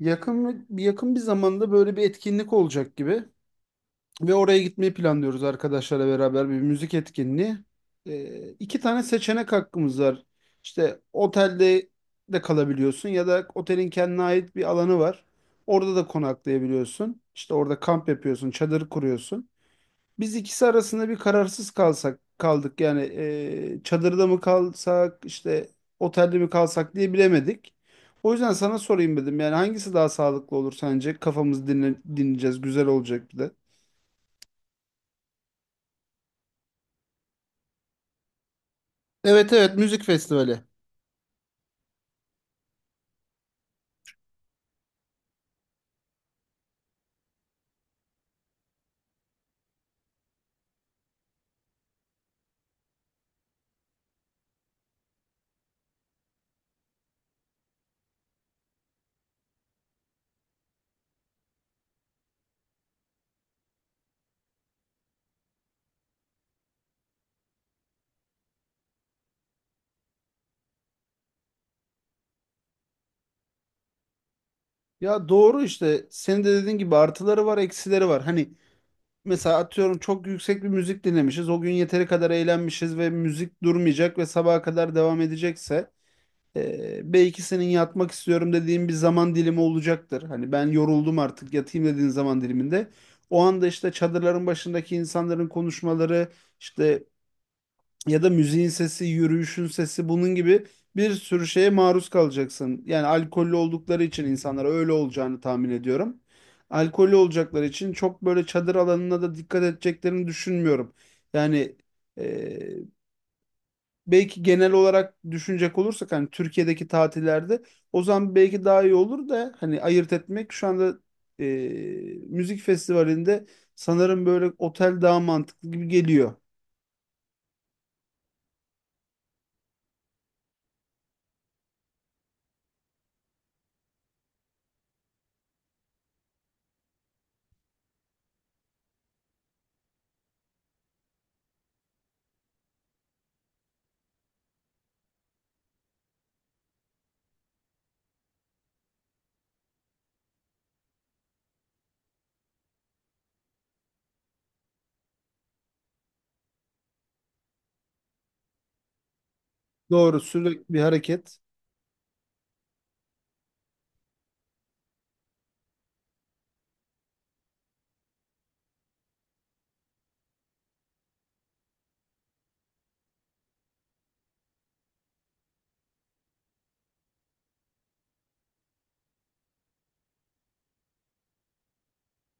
Yakın bir zamanda böyle bir etkinlik olacak gibi ve oraya gitmeyi planlıyoruz arkadaşlarla beraber bir müzik etkinliği. İki tane seçenek hakkımız var. İşte otelde de kalabiliyorsun ya da otelin kendine ait bir alanı var. Orada da konaklayabiliyorsun. İşte orada kamp yapıyorsun, çadır kuruyorsun. Biz ikisi arasında bir kararsız kalsak kaldık. Yani çadırda mı kalsak işte otelde mi kalsak diye bilemedik. O yüzden sana sorayım dedim. Yani hangisi daha sağlıklı olur sence? Kafamızı dinle, dinleyeceğiz. Güzel olacak bir de. Evet evet, müzik festivali. Ya doğru işte. Senin de dediğin gibi artıları var, eksileri var. Hani mesela atıyorum çok yüksek bir müzik dinlemişiz. O gün yeteri kadar eğlenmişiz ve müzik durmayacak ve sabaha kadar devam edecekse belki senin yatmak istiyorum dediğin bir zaman dilimi olacaktır. Hani ben yoruldum artık yatayım dediğin zaman diliminde. O anda işte çadırların başındaki insanların konuşmaları işte ya da müziğin sesi, yürüyüşün sesi bunun gibi bir sürü şeye maruz kalacaksın. Yani alkollü oldukları için insanlara öyle olacağını tahmin ediyorum. Alkollü olacakları için çok böyle çadır alanına da dikkat edeceklerini düşünmüyorum. Yani belki genel olarak düşünecek olursak hani Türkiye'deki tatillerde o zaman belki daha iyi olur da hani ayırt etmek şu anda e, müzik festivalinde sanırım böyle otel daha mantıklı gibi geliyor. Doğru, sürekli bir hareket.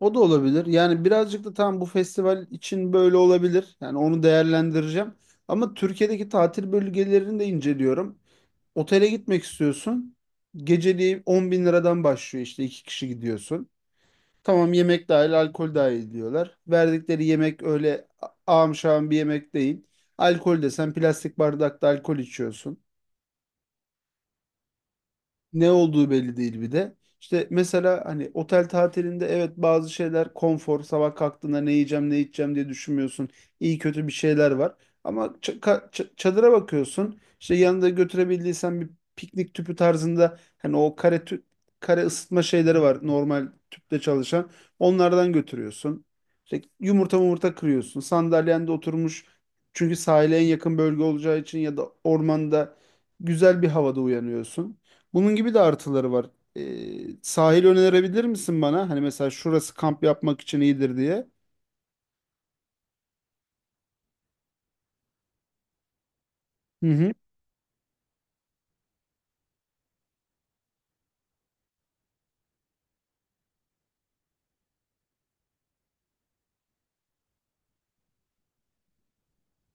O da olabilir. Yani birazcık da tam bu festival için böyle olabilir. Yani onu değerlendireceğim. Ama Türkiye'deki tatil bölgelerini de inceliyorum. Otele gitmek istiyorsun. Geceliği 10 bin liradan başlıyor, işte iki kişi gidiyorsun. Tamam yemek dahil, alkol dahil diyorlar. Verdikleri yemek öyle ağam şağım bir yemek değil. Alkol desen plastik bardakta alkol içiyorsun. Ne olduğu belli değil bir de. İşte mesela hani otel tatilinde evet bazı şeyler konfor, sabah kalktığında ne yiyeceğim ne içeceğim diye düşünmüyorsun. İyi kötü bir şeyler var. Ama çadıra bakıyorsun. İşte yanında götürebildiysen bir piknik tüpü tarzında hani o kare ısıtma şeyleri var normal tüple çalışan. Onlardan götürüyorsun. İşte yumurta kırıyorsun. Sandalyende oturmuş çünkü sahile en yakın bölge olacağı için ya da ormanda güzel bir havada uyanıyorsun. Bunun gibi de artıları var. Sahil önerebilir misin bana? Hani mesela şurası kamp yapmak için iyidir diye. Hı hı.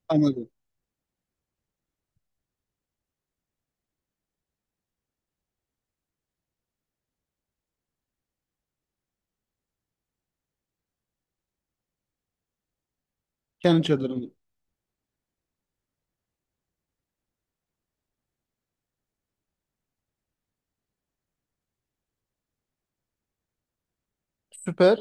Anladım. Kendi çadırını. Süper.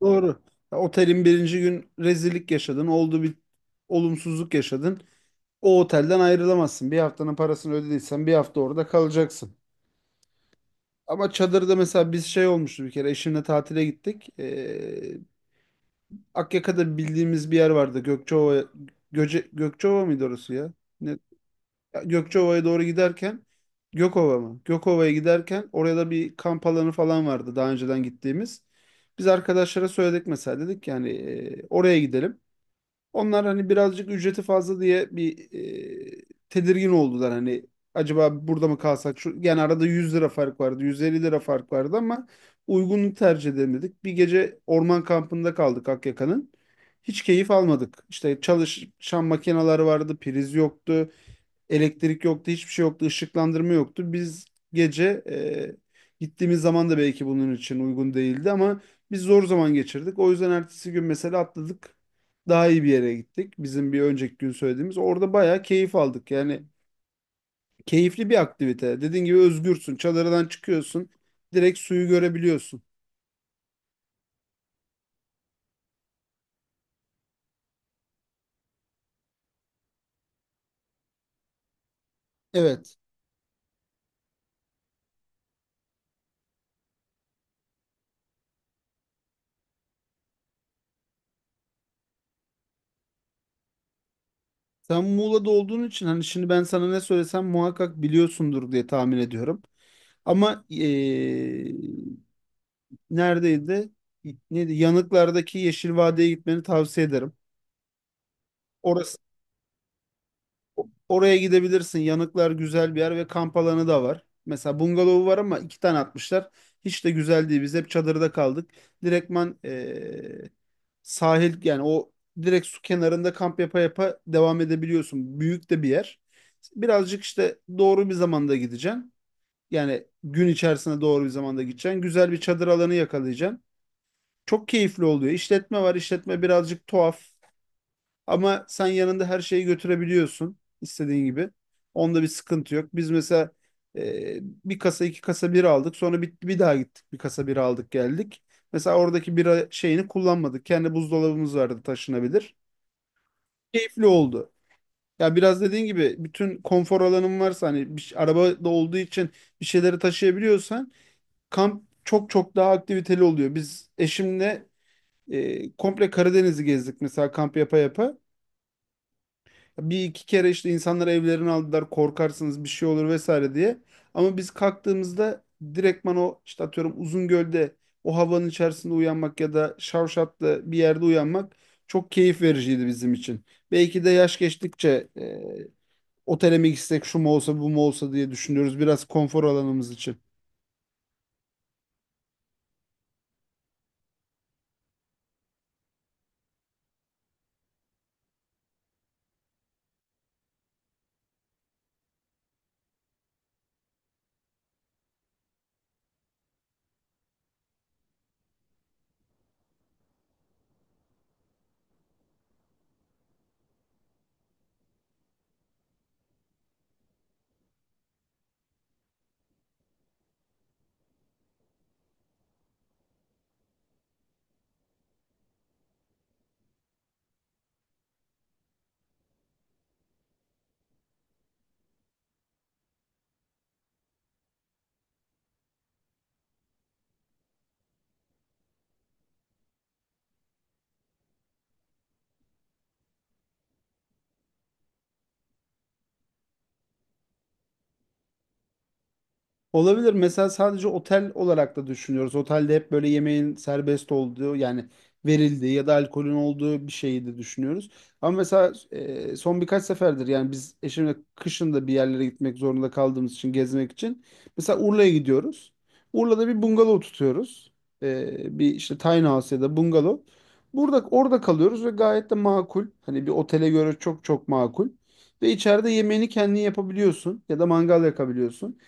Doğru. Ya, otelin birinci gün rezillik yaşadın. Oldu bir olumsuzluk yaşadın. O otelden ayrılamazsın. Bir haftanın parasını ödediysen bir hafta orada kalacaksın. Ama çadırda mesela biz şey olmuştu bir kere. Eşimle tatile gittik. Akyaka'da bildiğimiz bir yer vardı. Gökçeova mıydı orası ya? Ne Gökçeova'ya doğru giderken Gökova mı? Gökova'ya giderken oraya da bir kamp alanı falan vardı daha önceden gittiğimiz. Biz arkadaşlara söyledik mesela dedik yani oraya gidelim. Onlar hani birazcık ücreti fazla diye bir tedirgin oldular hani acaba burada mı kalsak? Şu, yani arada 100 lira fark vardı, 150 lira fark vardı ama uygunluğu tercih edemedik. Bir gece orman kampında kaldık Akyaka'nın. Hiç keyif almadık. İşte çalışan makineler vardı, priz yoktu. Elektrik yoktu, hiçbir şey yoktu, ışıklandırma yoktu. Biz gece gittiğimiz zaman da belki bunun için uygun değildi ama biz zor zaman geçirdik. O yüzden ertesi gün mesela atladık. Daha iyi bir yere gittik. Bizim bir önceki gün söylediğimiz. Orada bayağı keyif aldık. Yani keyifli bir aktivite. Dediğin gibi özgürsün. Çadırdan çıkıyorsun. Direkt suyu görebiliyorsun. Evet. Sen Muğla'da olduğun için hani şimdi ben sana ne söylesem muhakkak biliyorsundur diye tahmin ediyorum. Ama neredeydi? Neydi? Yanıklardaki Yeşil Vadiye gitmeni tavsiye ederim. Orası, oraya gidebilirsin. Yanıklar güzel bir yer ve kamp alanı da var. Mesela bungalovu var ama iki tane atmışlar. Hiç de güzel değil. Biz hep çadırda kaldık. Direktman sahil yani o direkt su kenarında kamp yapa yapa devam edebiliyorsun. Büyük de bir yer. Birazcık işte doğru bir zamanda gideceksin. Yani gün içerisine doğru bir zamanda gideceksin. Güzel bir çadır alanı yakalayacaksın. Çok keyifli oluyor. İşletme var. İşletme birazcık tuhaf. Ama sen yanında her şeyi götürebiliyorsun istediğin gibi. Onda bir sıkıntı yok. Biz mesela e, bir kasa iki kasa bira aldık. Sonra bir daha gittik. Bir kasa bira aldık geldik. Mesela oradaki bira şeyini kullanmadık. Kendi buzdolabımız vardı taşınabilir. Keyifli oldu. Ya biraz dediğin gibi bütün konfor alanın varsa hani arabada olduğu için bir şeyleri taşıyabiliyorsan kamp çok çok daha aktiviteli oluyor. Biz eşimle komple Karadeniz'i gezdik mesela kamp yapa yapa. Bir iki kere işte insanlar evlerini aldılar korkarsınız bir şey olur vesaire diye. Ama biz kalktığımızda direktman o işte atıyorum Uzungöl'de o havanın içerisinde uyanmak ya da Şavşat'ta bir yerde uyanmak çok keyif vericiydi bizim için. Belki de yaş geçtikçe otele mi gitsek şu mu olsa bu mu olsa diye düşünüyoruz biraz konfor alanımız için. Olabilir. Mesela sadece otel olarak da düşünüyoruz. Otelde hep böyle yemeğin serbest olduğu yani verildiği ya da alkolün olduğu bir şeyi de düşünüyoruz. Ama mesela son birkaç seferdir yani biz eşimle kışın da bir yerlere gitmek zorunda kaldığımız için gezmek için. Mesela Urla'ya gidiyoruz. Urla'da bir bungalov tutuyoruz. Bir işte tiny house ya da bungalov. Burada orada kalıyoruz ve gayet de makul. Hani bir otele göre çok çok makul. Ve içeride yemeğini kendin yapabiliyorsun ya da mangal yakabiliyorsun.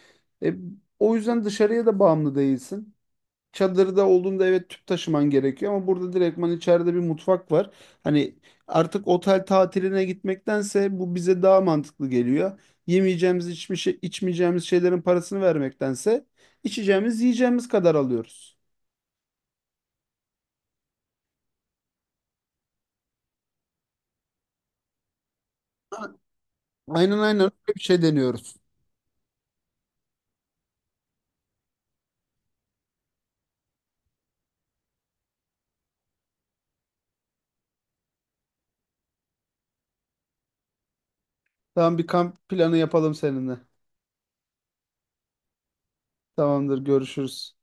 E, O yüzden dışarıya da bağımlı değilsin. Çadırda olduğunda evet tüp taşıman gerekiyor ama burada direktman içeride bir mutfak var. Hani artık otel tatiline gitmektense bu bize daha mantıklı geliyor. Yemeyeceğimiz, içmeyeceğimiz şeylerin parasını vermektense içeceğimiz, yiyeceğimiz kadar alıyoruz. Aynen aynen, öyle bir şey deniyoruz. Tamam, bir kamp planı yapalım seninle. Tamamdır, görüşürüz.